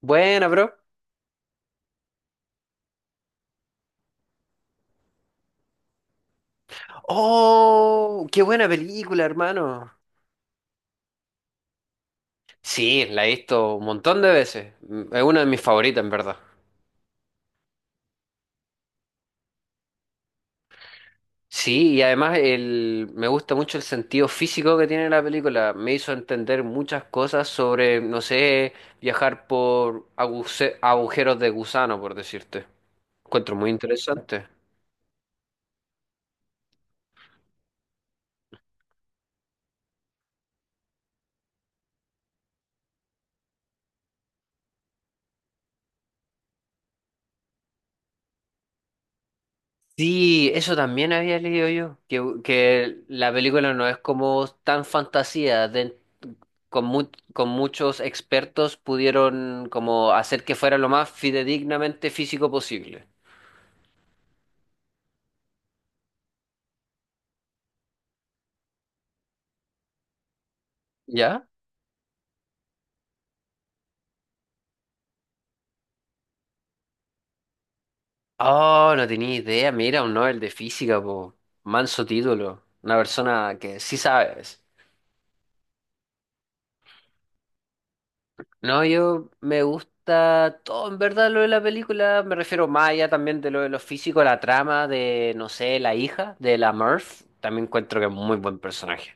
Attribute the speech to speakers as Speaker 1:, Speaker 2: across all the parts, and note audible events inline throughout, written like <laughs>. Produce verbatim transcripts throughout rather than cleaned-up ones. Speaker 1: Buena, bro. ¡Oh! ¡Qué buena película, hermano! Sí, la he visto un montón de veces. Mm, Es una de mis favoritas, en verdad. Sí, y además el, me gusta mucho el sentido físico que tiene la película. Me hizo entender muchas cosas sobre, no sé, viajar por aguse- agujeros de gusano, por decirte. Encuentro muy interesante. Sí, eso también había leído yo, que, que la película no es como tan fantasía, de- con, mu- con muchos expertos pudieron como hacer que fuera lo más fidedignamente físico posible. ¿Ya? Oh, no tenía idea, mira, un Nobel de física, po. Manso título, una persona que sí sabes. No, yo me gusta todo, en verdad, lo de la película. Me refiero más allá también de lo de lo físico, la trama de, no sé, la hija de la Murph. También encuentro que es muy buen personaje.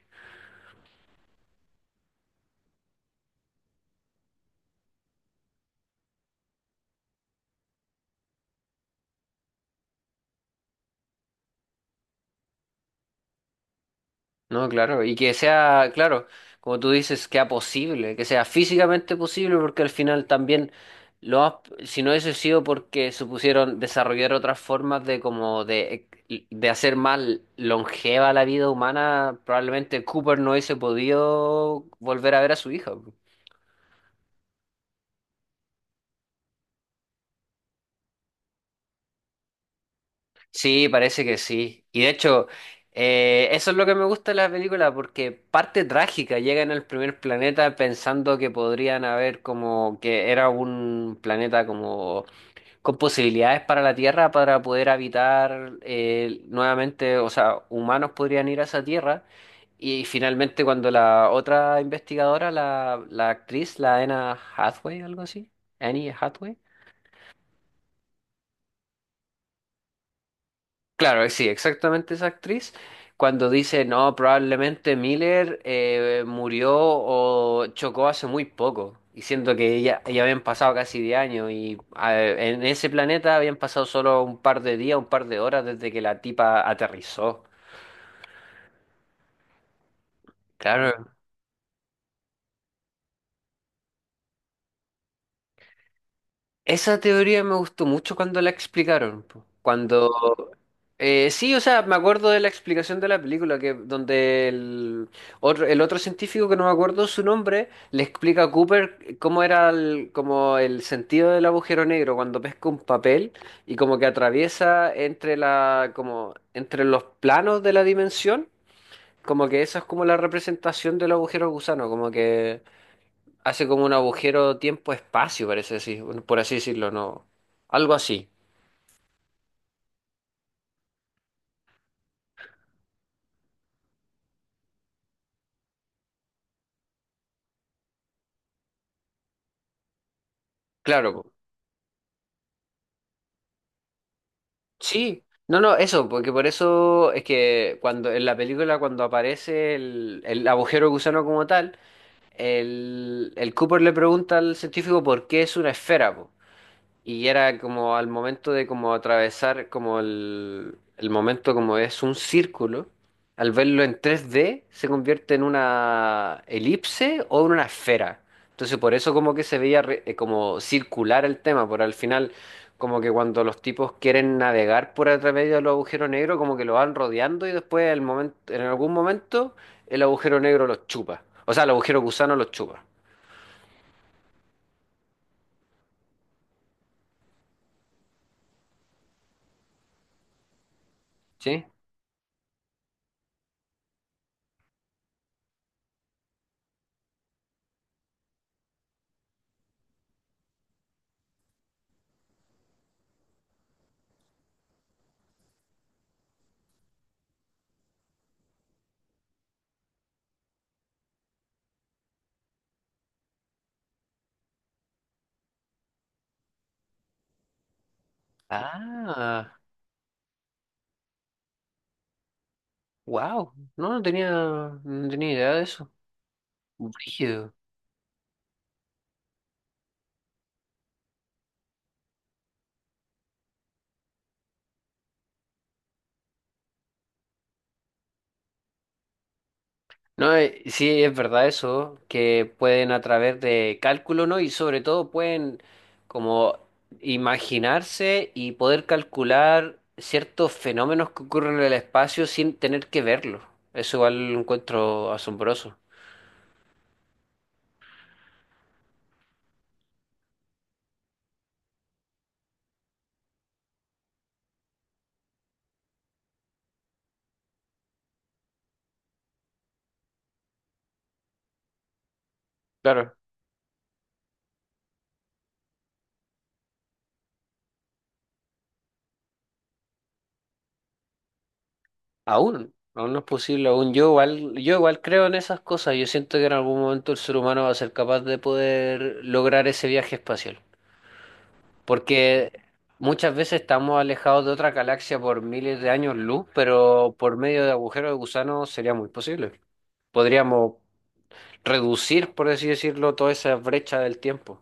Speaker 1: No, claro. Y que sea, claro, como tú dices, que sea posible, que sea físicamente posible, porque al final también, lo más- si no hubiese sido porque supusieron desarrollar otras formas de como de, e, de hacer más longeva la vida humana, probablemente Cooper no hubiese podido volver a ver a su hija. Sí, parece que sí. Y de hecho, eh, eso es lo que me gusta de la película, porque parte trágica, llegan al primer planeta pensando que podrían haber como que era un planeta como con posibilidades para la Tierra para poder habitar eh, nuevamente, o sea, humanos podrían ir a esa Tierra. Y finalmente cuando la otra investigadora, la, la actriz, la Anna Hathaway, algo así, Annie Hathaway. Claro, eh, sí, exactamente esa actriz, cuando dice, no, probablemente Miller eh, murió o chocó hace muy poco, y siento que ya, ya habían pasado casi diez años, y eh, en ese planeta habían pasado solo un par de días, un par de horas desde que la tipa aterrizó. Claro, esa teoría me gustó mucho cuando la explicaron, po. Cuando... eh, sí, o sea, me acuerdo de la explicación de la película, que donde el otro, el otro científico, que no me acuerdo su nombre, le explica a Cooper cómo era el, como el sentido del agujero negro cuando pesca un papel y como que atraviesa entre la, como, entre los planos de la dimensión, como que esa es como la representación del agujero gusano, como que... Hace como un agujero tiempo-espacio, parece así, por así decirlo, ¿no? Algo así. Claro, po. Sí. No, no, eso, porque por eso es que cuando en la película, cuando aparece el, el agujero gusano como tal, el, el Cooper le pregunta al científico por qué es una esfera, po. Y era como al momento de como atravesar como el, el momento como es un círculo, al verlo en tres d se convierte en una elipse o en una esfera. Entonces por eso como que se veía re- eh, como circular el tema, por al final como que cuando los tipos quieren navegar por a través de los agujeros negros como que lo van rodeando y después el momento, en algún momento el agujero negro los chupa. O sea, el agujero gusano los chupa. ¿Sí? Ah. Wow, no, no tenía, no tenía idea de eso. Brígido. No, eh, sí, es verdad eso, que pueden a través de cálculo, ¿no? Y sobre todo pueden como imaginarse y poder calcular ciertos fenómenos que ocurren en el espacio sin tener que verlo. Eso igual lo encuentro asombroso. Claro. Aún, aún no es posible, aún yo igual, yo igual creo en esas cosas. Yo siento que en algún momento el ser humano va a ser capaz de poder lograr ese viaje espacial. Porque muchas veces estamos alejados de otra galaxia por miles de años luz, pero por medio de agujeros de gusano sería muy posible. Podríamos reducir, por así decirlo, toda esa brecha del tiempo.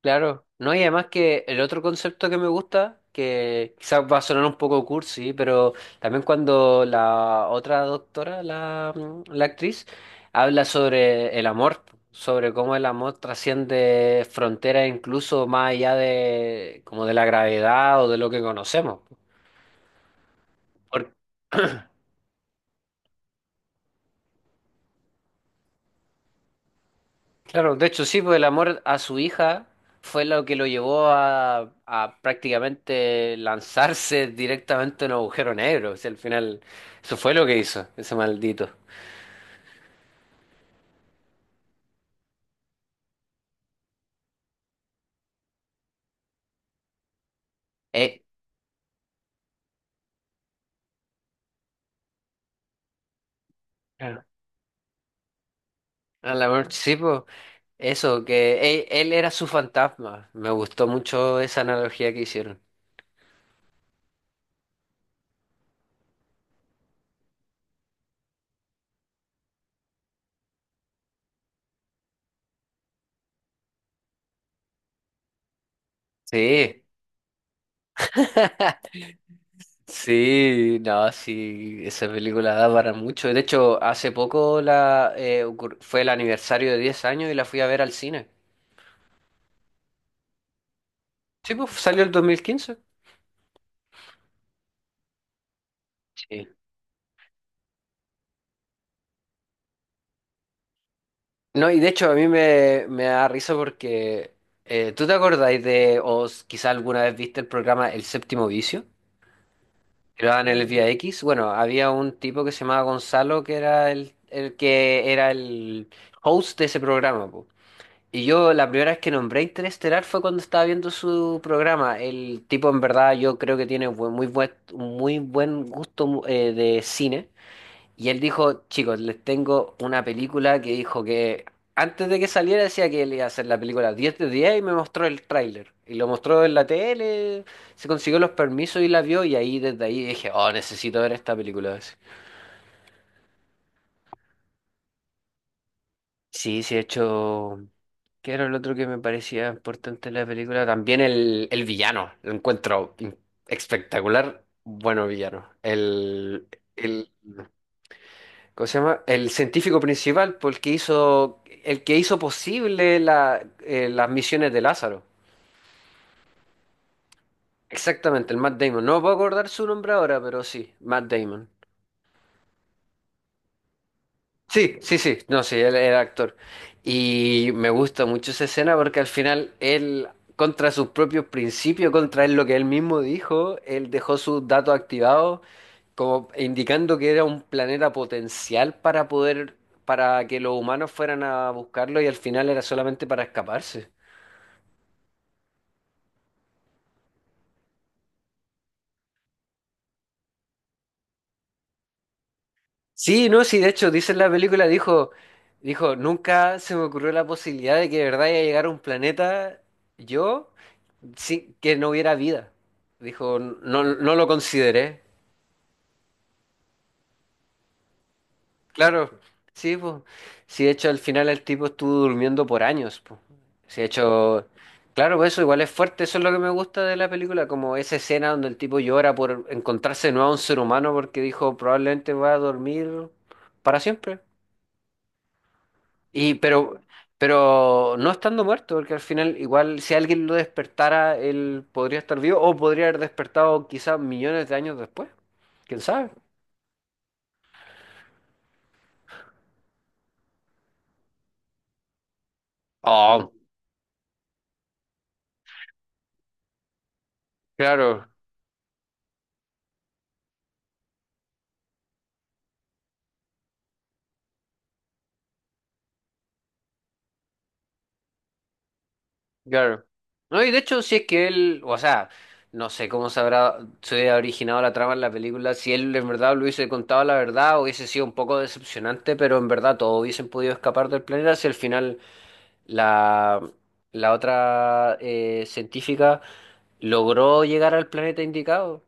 Speaker 1: Claro, no, y además que el otro concepto que me gusta, que quizás va a sonar un poco cursi, pero también cuando la otra doctora, la, mm, la actriz, habla sobre el amor, sobre cómo el amor trasciende fronteras incluso más allá de como de la gravedad o de lo que conocemos. Claro, de hecho sí, pues el amor a su hija fue lo que lo llevó a, a prácticamente lanzarse directamente en un agujero negro. O sea, al final, eso fue lo que hizo, ese maldito. Eh, Claro, al amor, sí, pues, eso, que él, él era su fantasma. Me gustó mucho esa analogía que hicieron. Sí, <laughs> sí, no, sí, esa película da para mucho. De hecho, hace poco la, eh, ocur- fue el aniversario de diez años y la fui a ver al cine. Sí, pues salió el dos mil quince. Sí. No, y de hecho a mí me, me da risa porque eh, ¿tú te acordáis de, o s- quizá alguna vez viste el programa El Séptimo Vicio? Que lo daban en el Vía X. Bueno, había un tipo que se llamaba Gonzalo que era el, el que era el host de ese programa, po. Y yo la primera vez que nombré Interestelar fue cuando estaba viendo su programa. El tipo en verdad yo creo que tiene buen- muy buen, muy buen gusto eh, de cine. Y él dijo, chicos, les tengo una película, que dijo que antes de que saliera decía que él iba a hacer la película diez de diez y me mostró el tráiler. Y lo mostró en la tele, se consiguió los permisos y la vio, y ahí desde ahí dije, oh, necesito ver esta película. Sí, sí, he hecho... ¿Qué era el otro que me parecía importante en la película? También el, el villano, lo encuentro in- espectacular, bueno villano. El, el, ¿Cómo se llama? El científico principal, por el que hizo, el que hizo posible la- eh, las misiones de Lázaro. Exactamente, el Matt Damon. No puedo acordar su nombre ahora, pero sí, Matt Damon. Sí, sí, sí, no, sí, él era actor. Y me gusta mucho esa escena porque al final él, contra sus propios principios, contra él, lo que él mismo dijo, él dejó sus datos activados como indicando que era un planeta potencial para poder, para que los humanos fueran a buscarlo y al final era solamente para escaparse. Sí, no, sí, de hecho, dice en la película, dijo, dijo, nunca se me ocurrió la posibilidad de que de verdad iba a llegar a un planeta yo, sí, que no hubiera vida. Dijo, no, no lo consideré. Claro, sí, pues. Sí, de hecho, al final el tipo estuvo durmiendo por años, pues. Sí, de hecho, claro, pues eso igual es fuerte, eso es lo que me gusta de la película, como esa escena donde el tipo llora por encontrarse de nuevo a un ser humano porque dijo probablemente va a dormir para siempre. Y, pero, pero no estando muerto, porque al final igual si alguien lo despertara, él podría estar vivo o podría haber despertado quizás millones de años después. ¿Quién sabe? Oh, claro. Claro. No, y de hecho, si es que él, o sea, no sé cómo se habrá, se hubiera originado la trama en la película, si él en verdad lo hubiese contado la verdad, hubiese sido un poco decepcionante, pero en verdad todos hubiesen podido escapar del planeta si al final la, la otra eh, científica logró llegar al planeta indicado.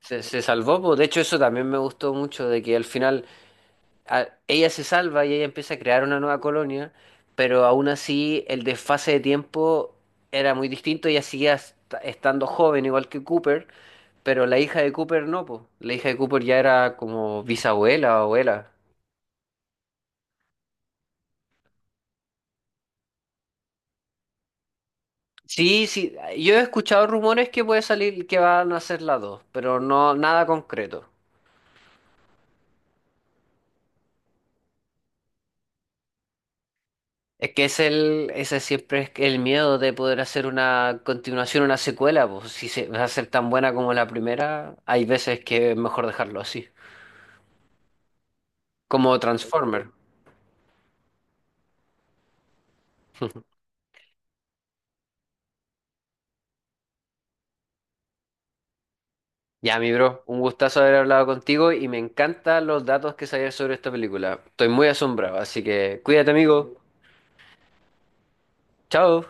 Speaker 1: Se, se salvó, pues. De hecho, eso también me gustó mucho, de que al final a- ella se salva y ella empieza a crear una nueva colonia, pero aún así el desfase de tiempo era muy distinto. Ella seguía est- estando joven, igual que Cooper, pero la hija de Cooper no, po. La hija de Cooper ya era como bisabuela o abuela. Sí, sí, yo he escuchado rumores que puede salir que van a ser las dos, pero no nada concreto. Es que es el, ese siempre es el miedo de poder hacer una continuación, una secuela, pues si se va a ser tan buena como la primera, hay veces que es mejor dejarlo así, como Transformer. Ya, mi bro, un gustazo haber hablado contigo y me encantan los datos que sabías sobre esta película. Estoy muy asombrado, así que cuídate, amigo. Chao.